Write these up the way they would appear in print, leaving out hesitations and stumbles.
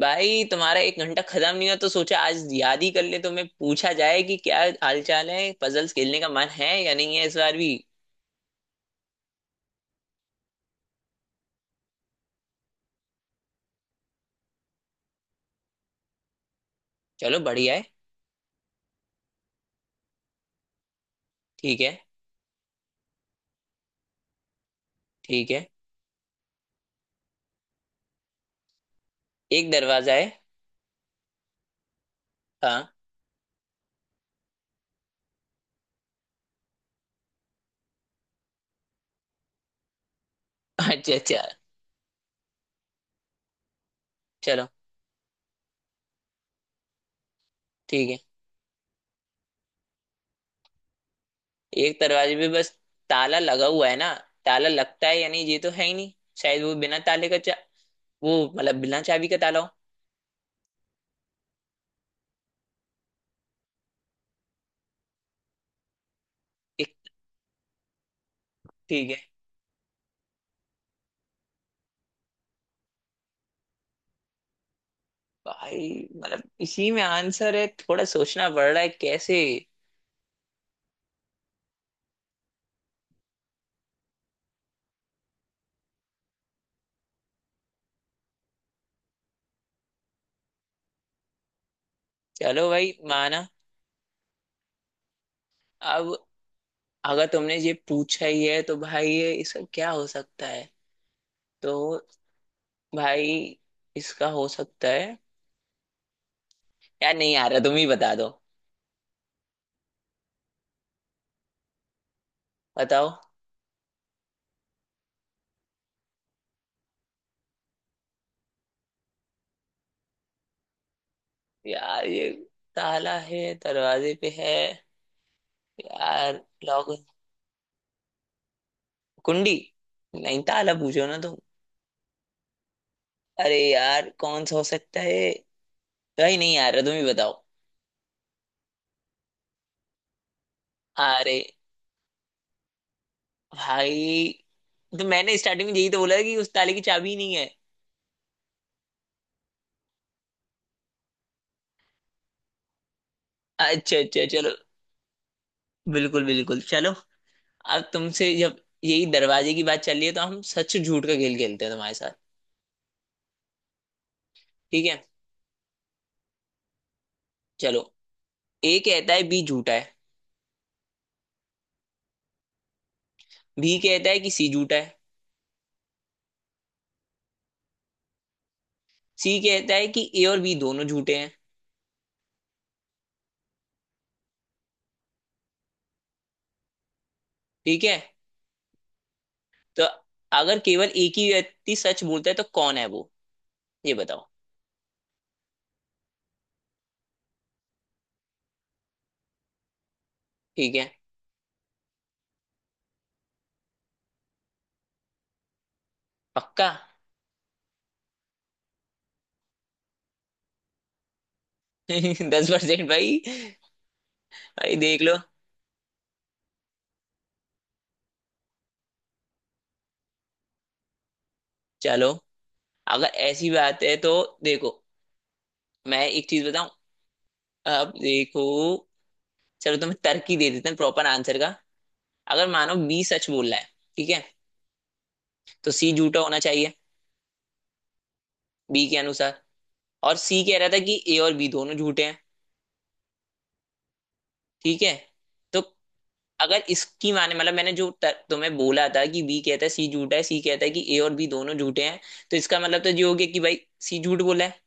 भाई तुम्हारा एक घंटा खत्म नहीं हुआ तो सोचा आज याद ही कर ले, तुम्हें पूछा जाए कि क्या हालचाल है, पजल्स खेलने का मन है या नहीं है इस बार भी। चलो बढ़िया है। ठीक है। ठीक है। एक दरवाजा है। हाँ। अच्छा अच्छा। चलो ठीक है। एक दरवाजे पे बस ताला लगा हुआ है ना। ताला लगता है या नहीं ये तो है ही नहीं। शायद वो बिना ताले का चा वो मतलब बिना चाबी का ताला हो। एक। ठीक है। भाई मतलब इसी में आंसर है, थोड़ा सोचना पड़ रहा है कैसे। चलो भाई माना। अब अगर तुमने ये पूछा ही है तो भाई ये इसका क्या हो सकता है। तो भाई इसका हो सकता है। यार नहीं आ रहा, तुम ही बता दो। बताओ। यार ये ताला है दरवाजे पे है। यार लॉक। कुंडी। नहीं ताला पूछो ना तुम। अरे यार कौन सा हो सकता है। भाई नहीं आ रहा, तुम ही बताओ। अरे भाई तो मैंने स्टार्टिंग में यही तो बोला था कि उस ताले की चाबी ही नहीं है। अच्छा अच्छा चलो। बिल्कुल बिल्कुल चलो। अब तुमसे जब यही दरवाजे की बात चल रही है तो हम सच झूठ का खेल खेलते हैं तुम्हारे साथ। ठीक है चलो। ए कहता है बी झूठा है। बी कहता है कि सी झूठा है। सी कहता है कि ए और बी दोनों झूठे हैं। ठीक है, तो अगर केवल एक ही व्यक्ति सच बोलता है तो कौन है वो, ये बताओ। ठीक है। पक्का। 10% भाई। भाई देख लो। चलो अगर ऐसी बात है तो देखो मैं एक चीज बताऊं। अब देखो। चलो तुम्हें तर्क ही दे देते हैं प्रॉपर आंसर का। अगर मानो बी सच बोल रहा है, ठीक है, तो सी झूठा होना चाहिए बी के अनुसार। और सी कह रहा था कि ए और बी दोनों झूठे हैं। ठीक है। तो अगर इसकी माने, मतलब मैंने जो तुम्हें बोला था कि बी कहता है सी झूठा है, सी कहता है कि ए और बी दोनों झूठे हैं। तो इसका मतलब तो ये हो गया कि भाई सी झूठ बोला है।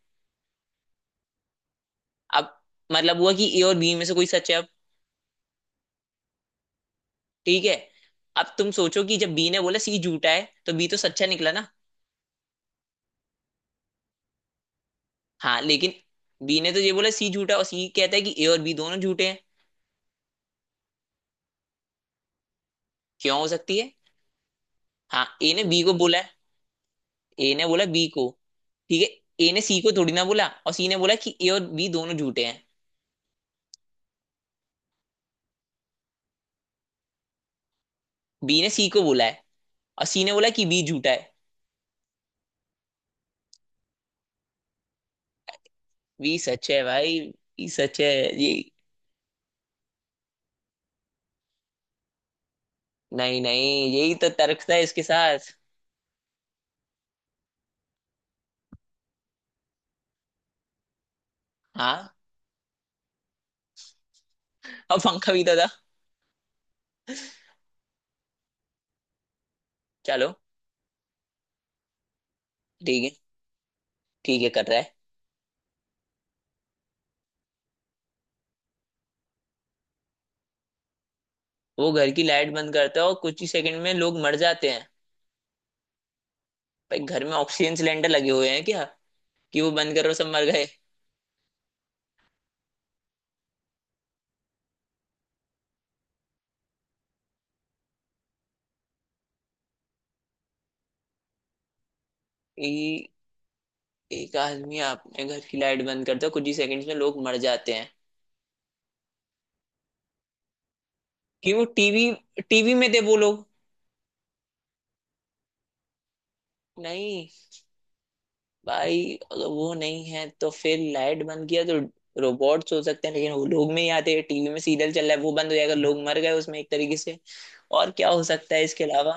अब मतलब हुआ कि ए और बी में से कोई सच है अब। ठीक है। अब तुम सोचो कि जब बी ने बोला सी झूठा है, तो बी तो सच्चा निकला ना। हाँ लेकिन बी ने तो ये बोला सी झूठा है और सी कहता है कि ए और बी दोनों झूठे हैं। क्यों हो सकती है। हाँ ए ने बी को बोला है। ए ने बोला बी को। ठीक है, ए ने सी को थोड़ी ना बोला, और सी ने बोला कि ए और बी दोनों झूठे हैं। बी ने सी को बोला है और सी ने बोला कि बी झूठा है। बी सच है भाई। बी सच है। ये नहीं नहीं यही तो तर्क था इसके साथ। हाँ। और पंखा भी तो था। चलो। ठीक है। ठीक है कर रहा है। वो घर की लाइट बंद करता है और कुछ ही सेकंड में लोग मर जाते हैं। भाई घर में ऑक्सीजन सिलेंडर लगे हुए हैं क्या कि वो बंद करो सब मर गए। ई, एक आदमी अपने घर की लाइट बंद करता है, कुछ ही सेकंड्स में लोग मर जाते हैं। कि वो टीवी टीवी में थे वो लोग। नहीं भाई, अगर वो नहीं है तो फिर लाइट बंद किया तो रोबोट्स हो सकते हैं, लेकिन वो लोग में ही आते हैं। टीवी में सीरियल चल रहा है, वो बंद हो जाएगा, लोग मर गए उसमें एक तरीके से। और क्या हो सकता है इसके अलावा।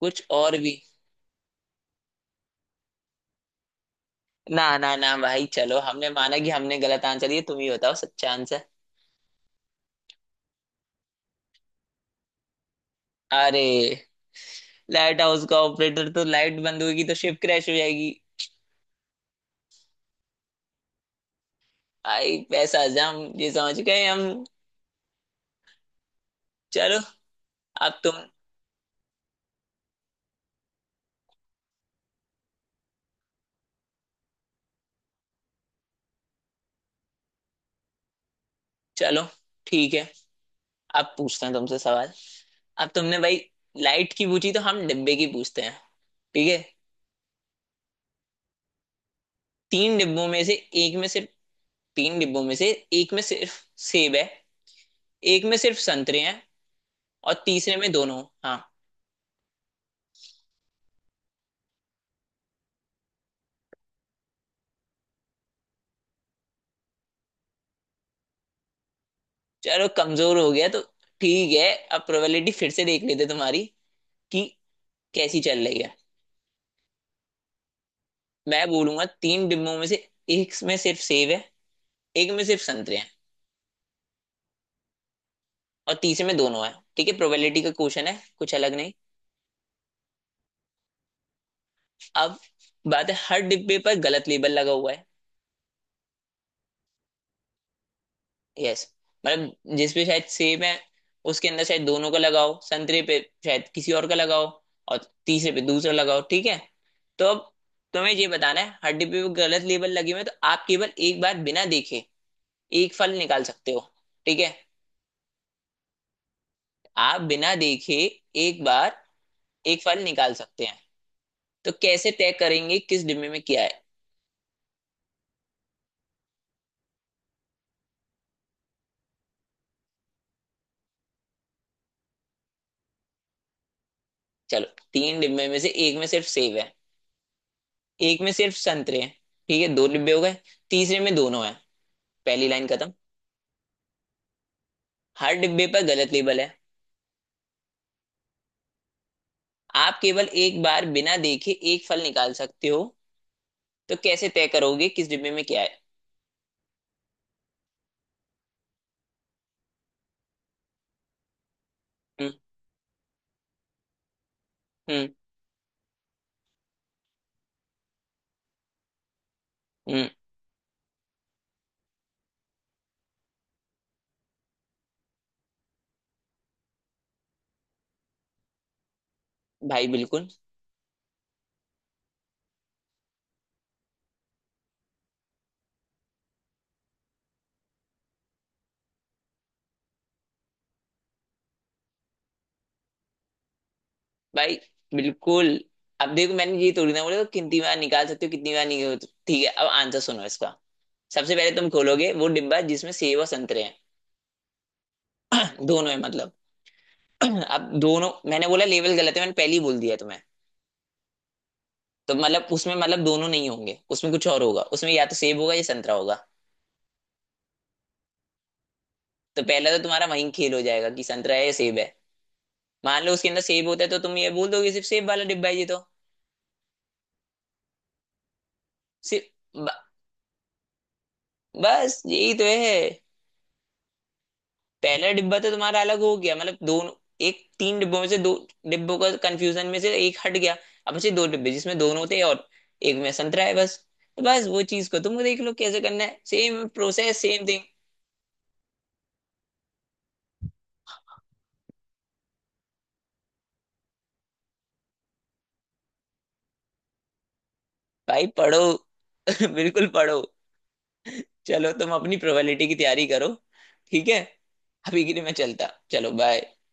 कुछ और भी। ना ना ना भाई, चलो हमने माना कि हमने गलत आंसर दिया, तुम ही बताओ सच्चा आंसर। अरे लाइट हाउस का ऑपरेटर तो, लाइट बंद होगी तो शिप क्रैश हो जाएगी। भाई पैसा जम, ये समझ गए हम। चलो। अब तुम चलो ठीक है, अब पूछते हैं तुमसे सवाल। अब तुमने भाई लाइट की पूछी, तो हम डिब्बे की पूछते हैं। ठीक है। तीन डिब्बों में से एक में सिर्फ तीन डिब्बों में से एक में सिर्फ सेब है, एक में सिर्फ संतरे हैं, और तीसरे में दोनों। हाँ। चलो कमजोर हो गया तो ठीक है, अब प्रोबेबिलिटी फिर से देख लेते तुम्हारी कि कैसी चल रही है। मैं बोलूंगा तीन डिब्बों में से एक में सिर्फ सेब है, एक में सिर्फ संतरे हैं, और तीसरे में दोनों है। ठीक है, प्रोबेबिलिटी का क्वेश्चन है कुछ अलग नहीं। अब बात है, हर डिब्बे पर गलत लेबल लगा हुआ है। यस, मतलब जिस पे शायद सेब है, उसके अंदर शायद दोनों का लगाओ, संतरे पे शायद किसी और का लगाओ, और तीसरे पे दूसरा लगाओ। ठीक है। तो अब तुम्हें ये बताना है, हर डिब्बे पे गलत लेबल लगे हुए हैं, तो आप केवल एक बार बिना देखे एक फल निकाल सकते हो। ठीक है। आप बिना देखे एक बार एक फल निकाल सकते हैं, तो कैसे तय करेंगे किस डिब्बे में क्या है। चलो, तीन डिब्बे में से एक में सिर्फ सेब है, एक में सिर्फ संतरे हैं, ठीक है दो डिब्बे हो गए, तीसरे में दोनों है। पहली लाइन खत्म। हर डिब्बे पर गलत लेबल है। आप केवल एक बार बिना देखे एक फल निकाल सकते हो, तो कैसे तय करोगे किस डिब्बे में क्या है। हम्म। हम्म। हम्म। भाई बिल्कुल। भाई बिल्कुल। अब देखो मैंने ये थोड़ी ना बोला तो कितनी बार निकाल सकते हो कितनी बार नहीं। ठीक है, अब आंसर सुनो इसका। सबसे पहले तुम खोलोगे वो डिब्बा जिसमें सेब और संतरे हैं। दोनों है मतलब। अब दोनों, मैंने बोला लेवल गलत है, मैंने पहले ही बोल दिया तुम्हें। तो मतलब उसमें, मतलब दोनों नहीं होंगे उसमें, कुछ और होगा उसमें, या तो सेब होगा या संतरा होगा। तो पहला तो तुम्हारा वहीं खेल हो जाएगा कि संतरा है या सेब है। मान लो उसके अंदर सेब होता है तो तुम ये बोल दोगे सिर्फ सेब वाला डिब्बा है ये तो। सिर्फ ब- बस यही तो है। पहला डिब्बा तो तुम्हारा अलग हो गया, मतलब दोनों, एक तीन डिब्बों में से दो डिब्बों का कंफ्यूजन में से एक हट गया। अब बचे दो डिब्बे जिसमें दोनों थे और एक में संतरा है बस। तो बस वो चीज को तुम देख लो कैसे करना है, सेम प्रोसेस सेम थिंग। भाई पढ़ो। बिल्कुल पढ़ो। चलो तुम अपनी प्रोबेबिलिटी की तैयारी करो। ठीक है। अभी के लिए मैं चलता, चलो बाय।